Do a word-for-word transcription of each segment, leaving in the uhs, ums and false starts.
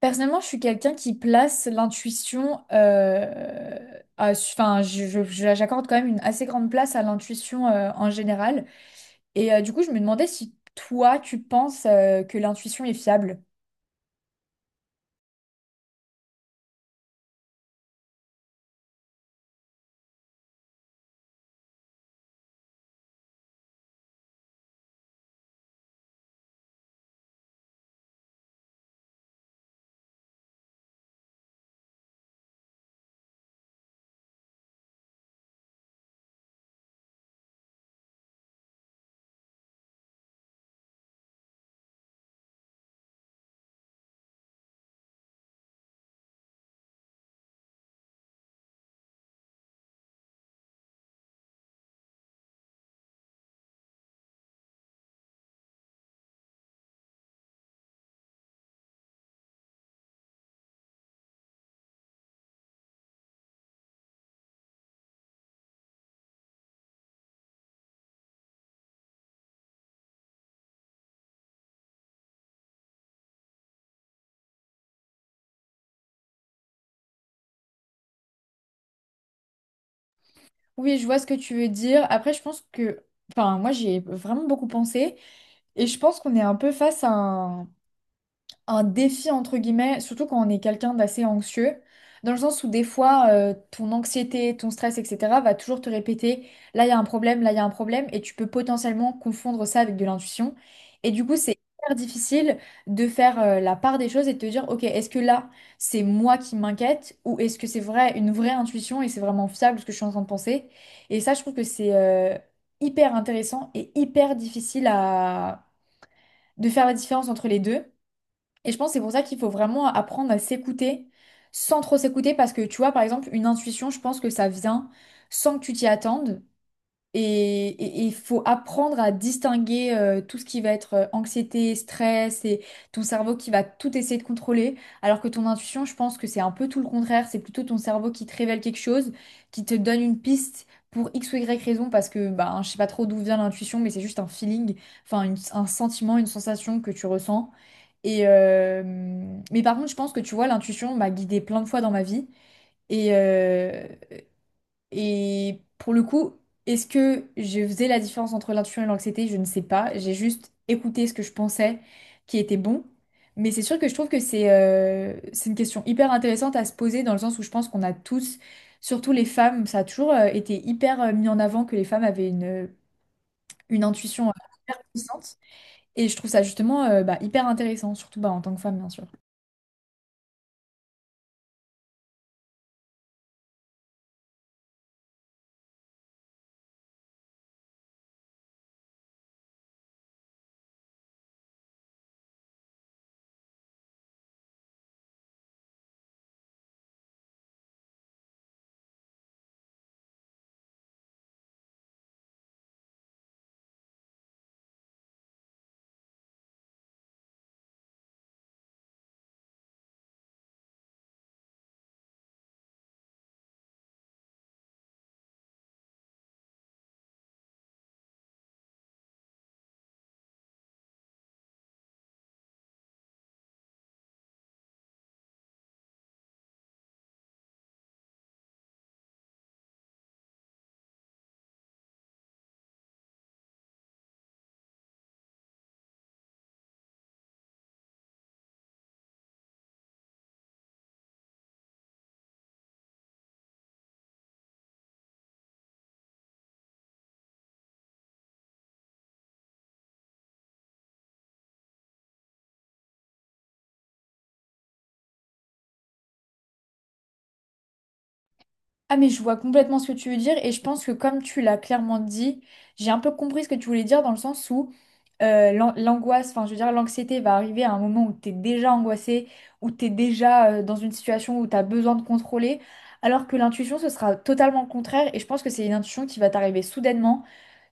Personnellement, je suis quelqu'un qui place l'intuition, euh, à- enfin, je- je- je- j'accorde quand même une assez grande place à l'intuition euh, en général. Et euh, du coup, je me demandais si toi, tu penses euh, que l'intuition est fiable. Oui, je vois ce que tu veux dire. Après, je pense que, enfin, moi, j'y ai vraiment beaucoup pensé et je pense qu'on est un peu face à un un défi entre guillemets, surtout quand on est quelqu'un d'assez anxieux, dans le sens où des fois euh, ton anxiété, ton stress, et cetera va toujours te répéter là il y a un problème, là il y a un problème, et tu peux potentiellement confondre ça avec de l'intuition. Et du coup, c'est hyper difficile de faire euh, la part des choses et de te dire, ok, est-ce que là c'est moi qui m'inquiète ou est-ce que c'est vrai, une vraie intuition et c'est vraiment fiable ce que je suis en train de penser? Et ça, je trouve que c'est euh, hyper intéressant et hyper difficile à... de faire la différence entre les deux. Et je pense que c'est pour ça qu'il faut vraiment apprendre à s'écouter sans trop s'écouter parce que tu vois, par exemple, une intuition, je pense que ça vient sans que tu t'y attendes. Et il faut apprendre à distinguer euh, tout ce qui va être euh, anxiété, stress et ton cerveau qui va tout essayer de contrôler. Alors que ton intuition, je pense que c'est un peu tout le contraire. C'est plutôt ton cerveau qui te révèle quelque chose, qui te donne une piste pour X ou Y raison parce que ben, je sais pas trop d'où vient l'intuition, mais c'est juste un feeling, enfin une- un sentiment, une sensation que tu ressens. Et euh, mais par contre, je pense que tu vois, l'intuition m'a guidée plein de fois dans ma vie. Et, euh, et pour le coup, est-ce que je faisais la différence entre l'intuition et l'anxiété? Je ne sais pas. J'ai juste écouté ce que je pensais qui était bon. Mais c'est sûr que je trouve que c'est euh, c'est une question hyper intéressante à se poser dans le sens où je pense qu'on a tous, surtout les femmes, ça a toujours euh, été hyper euh, mis en avant que les femmes avaient une, une intuition euh, hyper puissante. Et je trouve ça justement euh, bah, hyper intéressant, surtout bah, en tant que femme, bien sûr. Ah mais je vois complètement ce que tu veux dire et je pense que comme tu l'as clairement dit, j'ai un peu compris ce que tu voulais dire dans le sens où euh, l'an- l'angoisse, enfin je veux dire l'anxiété va arriver à un moment où t'es déjà angoissé, où t'es déjà euh, dans une situation où t'as besoin de contrôler, alors que l'intuition ce sera totalement le contraire et je pense que c'est une intuition qui va t'arriver soudainement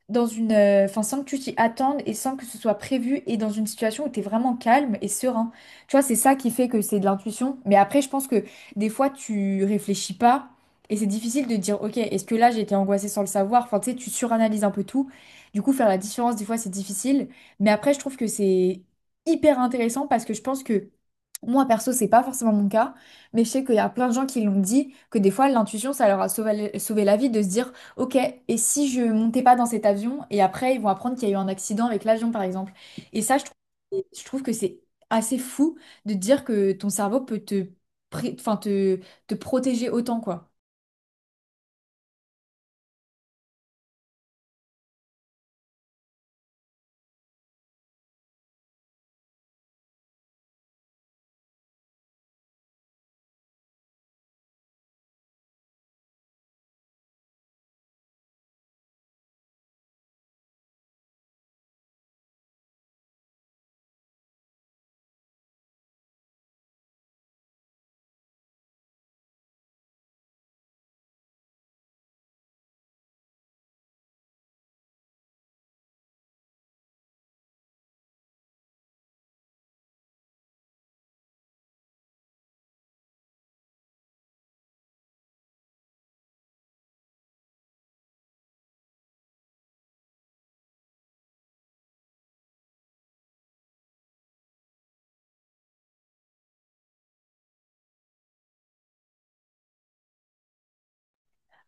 dans une, euh, enfin, sans que tu t'y attendes et sans que ce soit prévu et dans une situation où tu es vraiment calme et serein. Tu vois, c'est ça qui fait que c'est de l'intuition. Mais après, je pense que des fois, tu réfléchis pas et c'est difficile de dire, ok, est-ce que là, j'ai été angoissée sans le savoir? Enfin, tu sais, tu suranalyses un peu tout. Du coup, faire la différence, des fois, c'est difficile. Mais après, je trouve que c'est hyper intéressant parce que je pense que moi, perso, c'est pas forcément mon cas, mais je sais qu'il y a plein de gens qui l'ont dit, que des fois, l'intuition, ça leur a sauvé, sauvé la vie de se dire, ok, et si je montais pas dans cet avion et après ils vont apprendre qu'il y a eu un accident avec l'avion par exemple. Et ça, je trouve, je trouve que c'est assez fou de te dire que ton cerveau peut te, pré- enfin, te, te protéger autant quoi.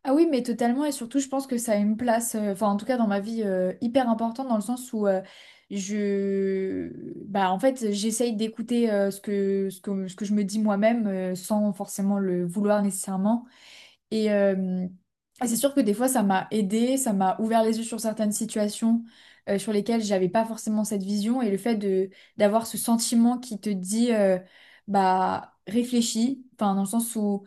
Ah oui, mais totalement et surtout je pense que ça a une place, euh, enfin en tout cas dans ma vie euh, hyper importante dans le sens où euh, je, bah en fait j'essaye d'écouter euh, ce que, ce que, ce que je me dis moi-même euh, sans forcément le vouloir nécessairement. Et, euh, et c'est sûr que des fois, ça m'a aidé, ça m'a ouvert les yeux sur certaines situations euh, sur lesquelles j'avais pas forcément cette vision. Et le fait de d'avoir ce sentiment qui te dit, euh, bah, réfléchis, enfin, dans le sens où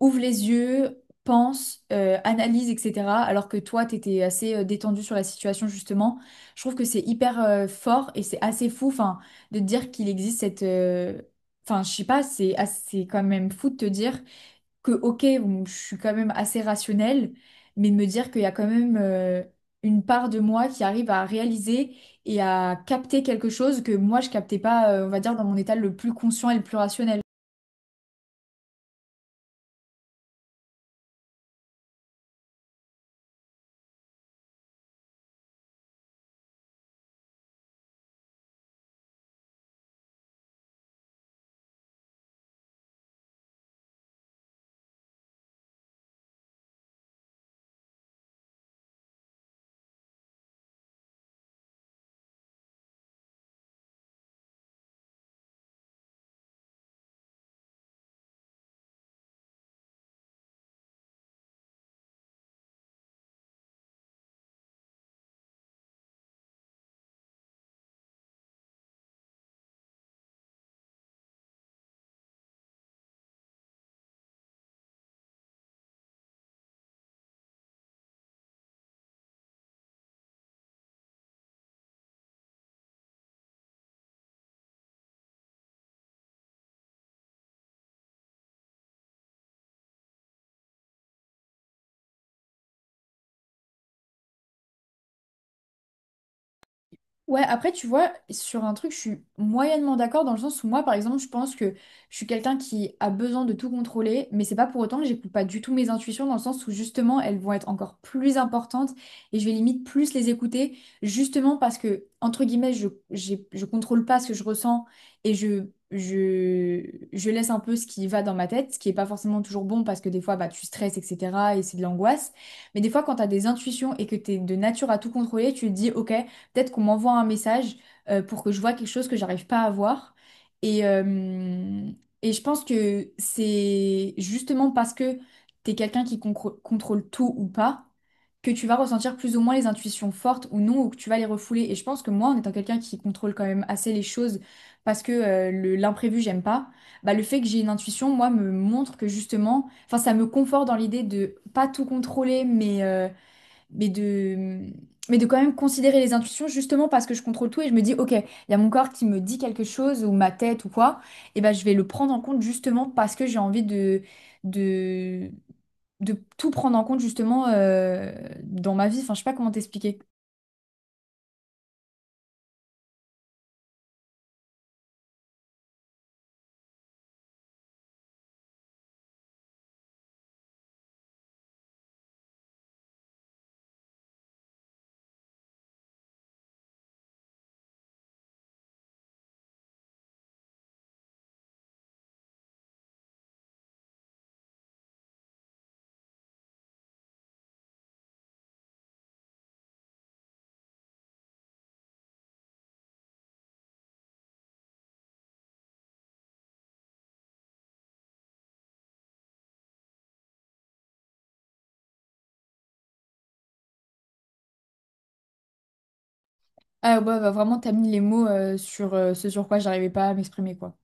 ouvre les yeux, pense, euh, analyse, et cetera. Alors que toi, t'étais assez euh, détendu sur la situation, justement. Je trouve que c'est hyper euh, fort et c'est assez fou, enfin, de te dire qu'il existe cette. euh, Enfin, je sais pas, c'est assez quand même fou de te dire que ok, bon, je suis quand même assez rationnelle, mais de me dire qu'il y a quand même euh, une part de moi qui arrive à réaliser et à capter quelque chose que moi je captais pas, euh, on va dire, dans mon état le plus conscient et le plus rationnel. Ouais, après, tu vois, sur un truc, je suis moyennement d'accord dans le sens où moi, par exemple, je pense que je suis quelqu'un qui a besoin de tout contrôler, mais c'est pas pour autant que j'écoute pas du tout mes intuitions dans le sens où justement, elles vont être encore plus importantes et je vais limite plus les écouter justement parce que, entre guillemets, je, j'ai- je contrôle pas ce que je ressens et je, je, je laisse un peu ce qui va dans ma tête, ce qui est pas forcément toujours bon parce que des fois, bah, tu stresses, et cetera et c'est de l'angoisse. Mais des fois, quand tu as des intuitions et que tu es de nature à tout contrôler, tu te dis, OK peut-être qu'on m'envoie un message euh, pour que je vois quelque chose que j'arrive pas à voir. Et, euh, et je pense que c'est justement parce que t'es quelqu'un qui concro- contrôle tout ou pas que tu vas ressentir plus ou moins les intuitions fortes ou non, ou que tu vas les refouler. Et je pense que moi, en étant quelqu'un qui contrôle quand même assez les choses, parce que euh, le- l'imprévu, j'aime pas, bah, le fait que j'ai une intuition, moi, me montre que justement, enfin, ça me conforte dans l'idée de pas tout contrôler, mais euh, mais de, mais de quand même considérer les intuitions justement parce que je contrôle tout et je me dis, ok, il y a mon corps qui me dit quelque chose ou ma tête ou quoi, et ben je vais le prendre en compte justement parce que j'ai envie de, de, de tout prendre en compte justement euh, dans ma vie. Enfin, je sais pas comment t'expliquer. Ah ouais, bah, vraiment, t'as mis les mots euh, sur euh, ce sur quoi j'arrivais pas à m'exprimer, quoi.